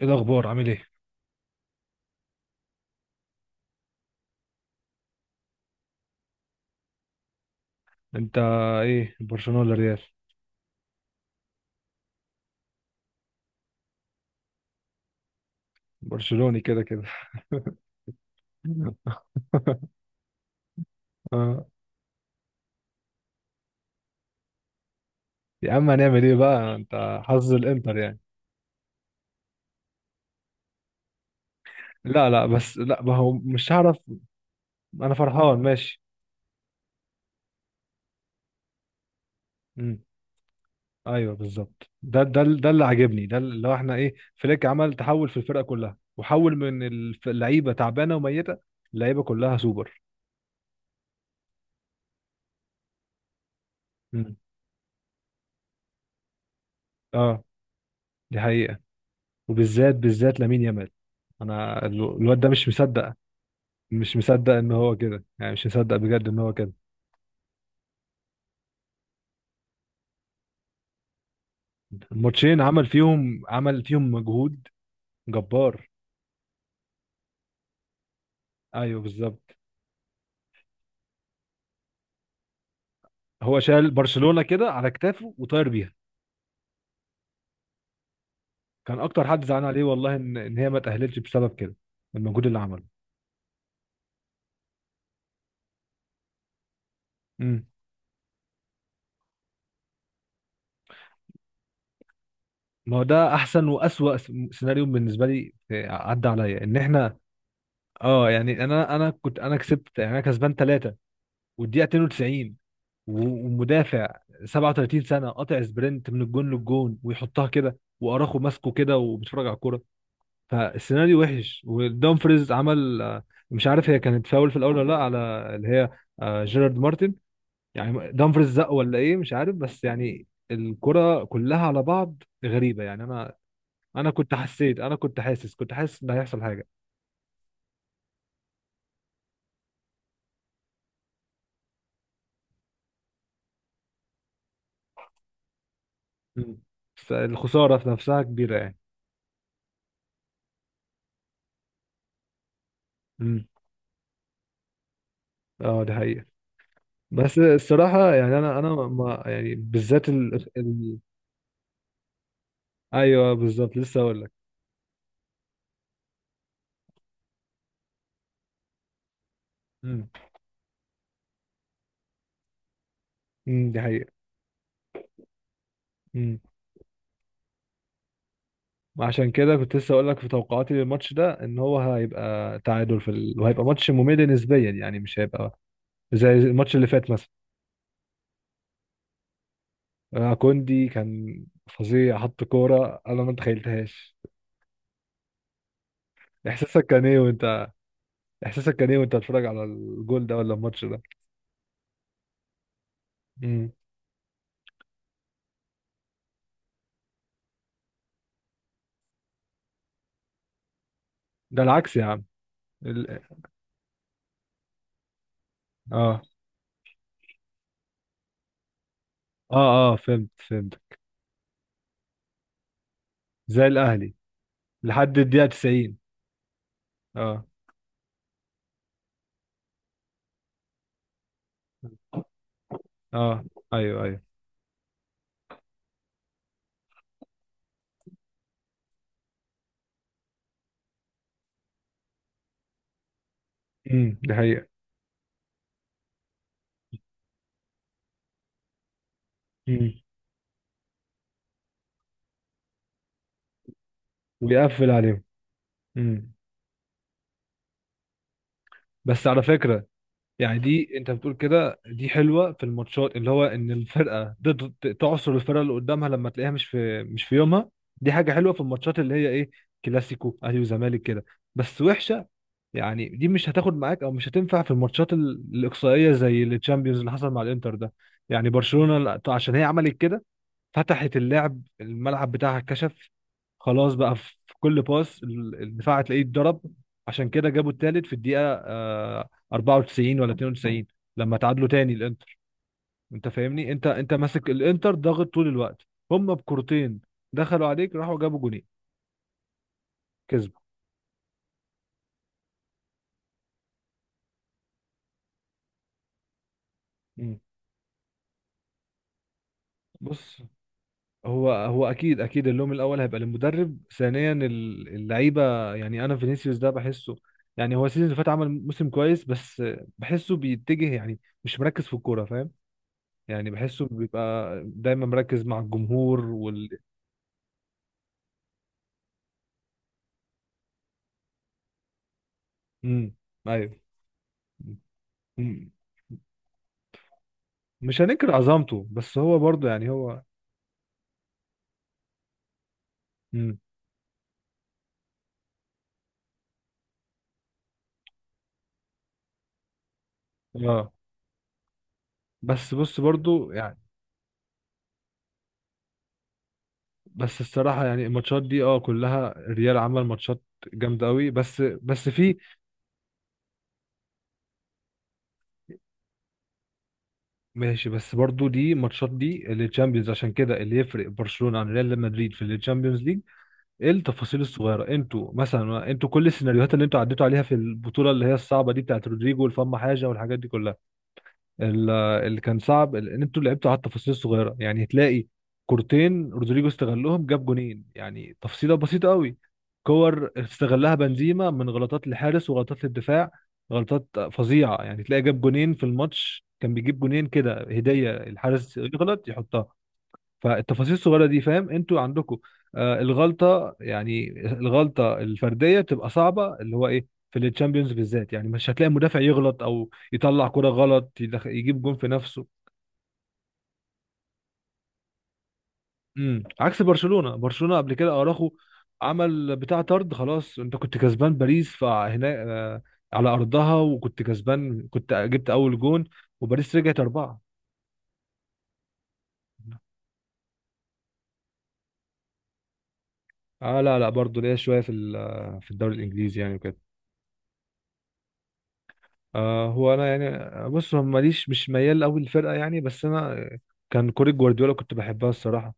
ايه الاخبار؟ عامل ايه؟ انت ايه، برشلونه ولا ريال؟ برشلوني كده كده. آه. يا عم هنعمل ايه بقى؟ انت حظ الانتر يعني. لا لا، بس لا ما هو مش هعرف. انا فرحان ماشي. امم ايوه بالظبط، ده اللي عاجبني، ده اللي هو احنا ايه فليك عمل تحول في الفرقه كلها، وحول من اللعيبه تعبانه وميته. اللعيبه كلها سوبر. امم اه دي حقيقه. وبالذات لامين يامال. انا الواد ده مش مصدق. مش مصدق ان هو كده، يعني مش مصدق بجد ان هو كده. الماتشين عمل فيهم مجهود جبار. ايوه بالظبط، هو شال برشلونة كده على كتافه وطاير بيها. كان اكتر حد زعلان عليه والله، ان هي ما تأهلتش بسبب كده، المجهود اللي عمله. امم ما هو ده احسن واسوأ سيناريو بالنسبة لي، عدى عليا ان احنا اه يعني انا كنت، انا كسبت يعني انا كسبان 3، والدقيقة 92، و- ومدافع 37 سنه قاطع سبرنت من الجون للجون، ويحطها كده واراخو ماسكه كده وبيتفرج على الكوره. فالسيناريو وحش، ودومفريز عمل مش عارف هي كانت فاول في الاول ولا لا، على اللي هي جيرارد مارتن، يعني دومفريز زق ولا ايه مش عارف، بس يعني الكرة كلها على بعض غريبة. يعني انا كنت حسيت، انا كنت حاسس ان هيحصل حاجة. مم. بس الخسارة في نفسها كبيرة يعني. مم. اه دي حقيقة. بس الصراحة يعني أنا ما يعني، بالذات أيوه بالظبط لسه أقول لك. امم دي حقيقة. امم عشان كده كنت لسه أقول لك في توقعاتي للماتش ده، إن هو هيبقى تعادل في وهيبقى ماتش ممل نسبيا، يعني مش هيبقى زي الماتش اللي فات مثلا. كوندي كان فظيع، حط كورة أنا ما تخيلتهاش. إحساسك كان إيه وأنت إحساسك كان إيه وأنت بتتفرج على الجول ده ولا الماتش ده؟ امم ده العكس يا عم. ال... آه آه آه، فهمت فهمت. زي الأهلي. لحد الدقيقة 90. اه اه، ايوه ايوه. دي حقيقة. امم ويقفل عليهم. امم بس على فكرة، يعني دي انت بتقول كده دي حلوة في الماتشات، اللي هو ان الفرقة تقدر تعصر الفرقة اللي قدامها لما تلاقيها مش في يومها. دي حاجة حلوة في الماتشات اللي هي ايه، كلاسيكو اهلي وزمالك كده. بس وحشة، يعني دي مش هتاخد معاك او مش هتنفع في الماتشات الإقصائية زي التشامبيونز اللي حصل مع الانتر ده. يعني برشلونة عشان هي عملت كده، فتحت الملعب بتاعها اتكشف. خلاص بقى في كل باس الدفاع هتلاقيه اتضرب. عشان كده جابوا التالت في الدقيقة 94 ولا 92، لما تعادلوا تاني الانتر. انت فاهمني، انت ماسك الانتر ضاغط طول الوقت. هم بكورتين دخلوا عليك، راحوا جابوا جونين، كسبوا. مم. بص، هو اكيد اكيد اللوم الاول هيبقى للمدرب، ثانيا اللعيبه، يعني انا فينيسيوس ده بحسه، يعني هو السيزون اللي فات عمل موسم كويس، بس بحسه بيتجه يعني مش مركز في الكوره، فاهم؟ يعني بحسه بيبقى دايما مركز مع الجمهور وال. امم ايوه. مم. مش هننكر عظمته، بس هو برضه يعني هو. امم اه. بس بص برضه يعني، بس الصراحه يعني الماتشات دي اه كلها الريال عمل ماتشات جامده قوي، بس في. ماشي، بس برضو دي ماتشات دي للتشامبيونز، عشان كده اللي يفرق برشلونة عن ريال مدريد في التشامبيونز ليج التفاصيل الصغيرة. انتوا كل السيناريوهات اللي انتوا عديتوا عليها في البطولة اللي هي الصعبة دي بتاعت رودريجو والفم حاجة والحاجات دي كلها. ال- اللي كان صعب ان انتوا لعبتوا على التفاصيل الصغيره، يعني تلاقي كورتين رودريجو استغلهم، جاب جونين، يعني تفصيله بسيطه قوي. كور استغلها بنزيما من غلطات الحارس وغلطات الدفاع، غلطات فظيعه يعني، تلاقي جاب جونين في الماتش، كان بيجيب جونين كده هديه، الحارس يغلط يحطها. فالتفاصيل الصغيره دي فاهم انتوا عندكم، آه الغلطه، الفرديه بتبقى صعبه، اللي هو ايه في التشامبيونز بالذات. يعني مش هتلاقي مدافع يغلط او يطلع كرة غلط يجيب جون في نفسه. عكس برشلونه، قبل كده اراخو عمل بتاع طرد، خلاص انت كنت كسبان باريس فهنا آه، على ارضها، وكنت كسبان، كنت جبت اول جون، وباريس رجعت 4. اه لا لا، برضه ليا شويه في في الدوري الانجليزي يعني وكده. آه هو انا يعني بص، هو ماليش، مش ميال قوي للفرقه يعني، بس انا كان كوره جوارديولا كنت بحبها الصراحه،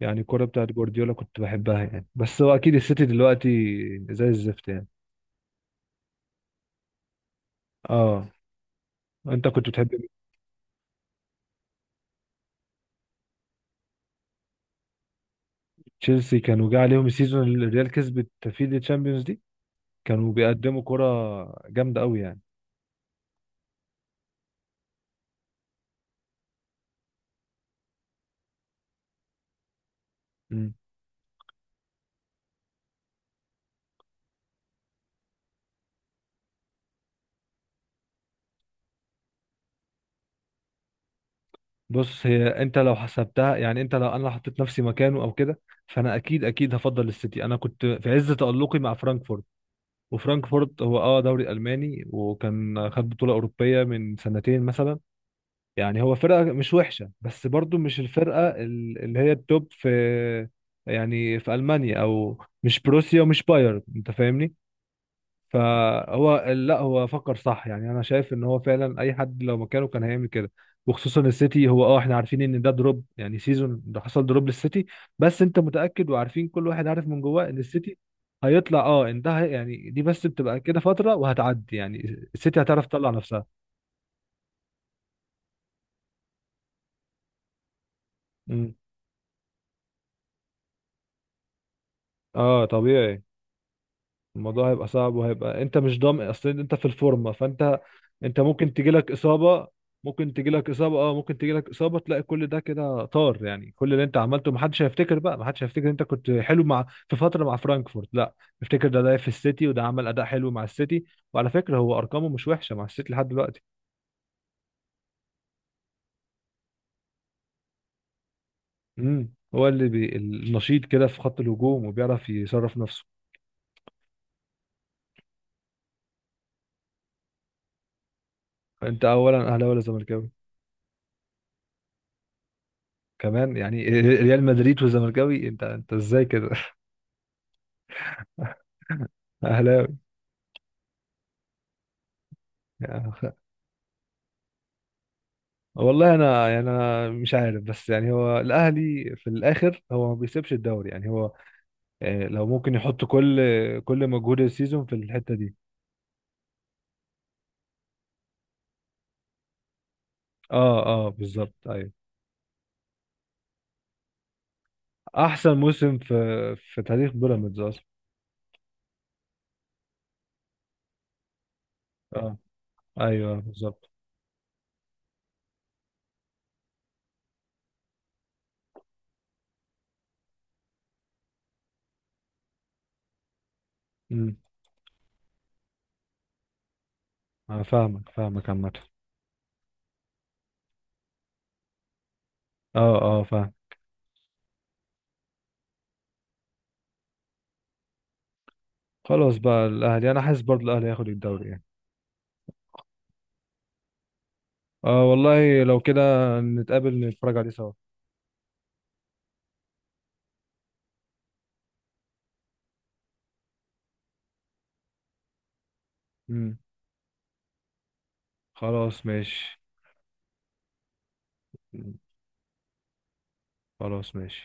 يعني الكوره بتاعت جوارديولا كنت بحبها يعني، بس هو اكيد السيتي دلوقتي زي الزفت يعني. اه، انت كنت بتحب مين؟ تشيلسي كانوا جه عليهم السيزون اللي الريال كسبت فيه الشامبيونز دي، كانوا بيقدموا كوره جامده قوي يعني. مم. بص، هي انت لو حسبتها يعني، انت لو انا لو حطيت نفسي مكانه او كده، فانا اكيد اكيد هفضل السيتي. انا كنت في عز تألقي مع فرانكفورت، وفرانكفورت هو اه دوري الماني، وكان خد بطوله اوروبيه من سنتين مثلا. يعني هو فرقه مش وحشه، بس برضو مش الفرقه اللي هي التوب في يعني في المانيا، او مش بروسيا ومش بايرن، انت فاهمني. فهو لا هو فكر صح، يعني انا شايف ان هو فعلا اي حد لو مكانه كان هيعمل كده. وخصوصا السيتي، هو اه احنا عارفين ان ده دروب، يعني سيزون ده حصل دروب للسيتي، بس انت متاكد وعارفين كل واحد عارف من جواه ان السيتي هيطلع. اه ان ده يعني دي بس بتبقى كده فتره وهتعدي يعني، السيتي هتعرف تطلع نفسها. امم اه طبيعي، الموضوع هيبقى صعب، وهيبقى انت مش ضامن اصلا انت في الفورمه، فانت انت ممكن تجيلك اصابه، ممكن تجيلك اصابه، اه ممكن تجيلك اصابه تلاقي كل ده كده طار، يعني كل اللي انت عملته محدش هيفتكر بقى، محدش هيفتكر انت كنت حلو مع في فتره مع فرانكفورت، لا افتكر ده في السيتي، وده عمل اداء حلو مع السيتي، وعلى فكره هو ارقامه مش وحشه مع السيتي لحد دلوقتي. هو اللي النشيط كده في خط الهجوم، وبيعرف يصرف نفسه. فانت اولا اهلاوي ولا زملكاوي؟ كمان يعني، ريال مدريد وزملكاوي، انت ازاي كده؟ اهلاوي. والله انا يعني، انا مش عارف، بس يعني هو الاهلي في الاخر هو ما بيسيبش الدوري يعني، هو لو ممكن يحط كل مجهود السيزون في الحتة دي. اه اه بالظبط، ايوه. احسن موسم في تاريخ بيراميدز اصلا. اه ايوه بالظبط. امم انا فاهمك فاهمك عامة. اه اه فاهم. خلاص بقى الاهلي، انا حاسس برضه الاهلي هياخد الدوري يعني. اه والله لو كده، نتقابل نتفرج عليه سوا. امم خلاص ماشي. مم. خلاص ماشي.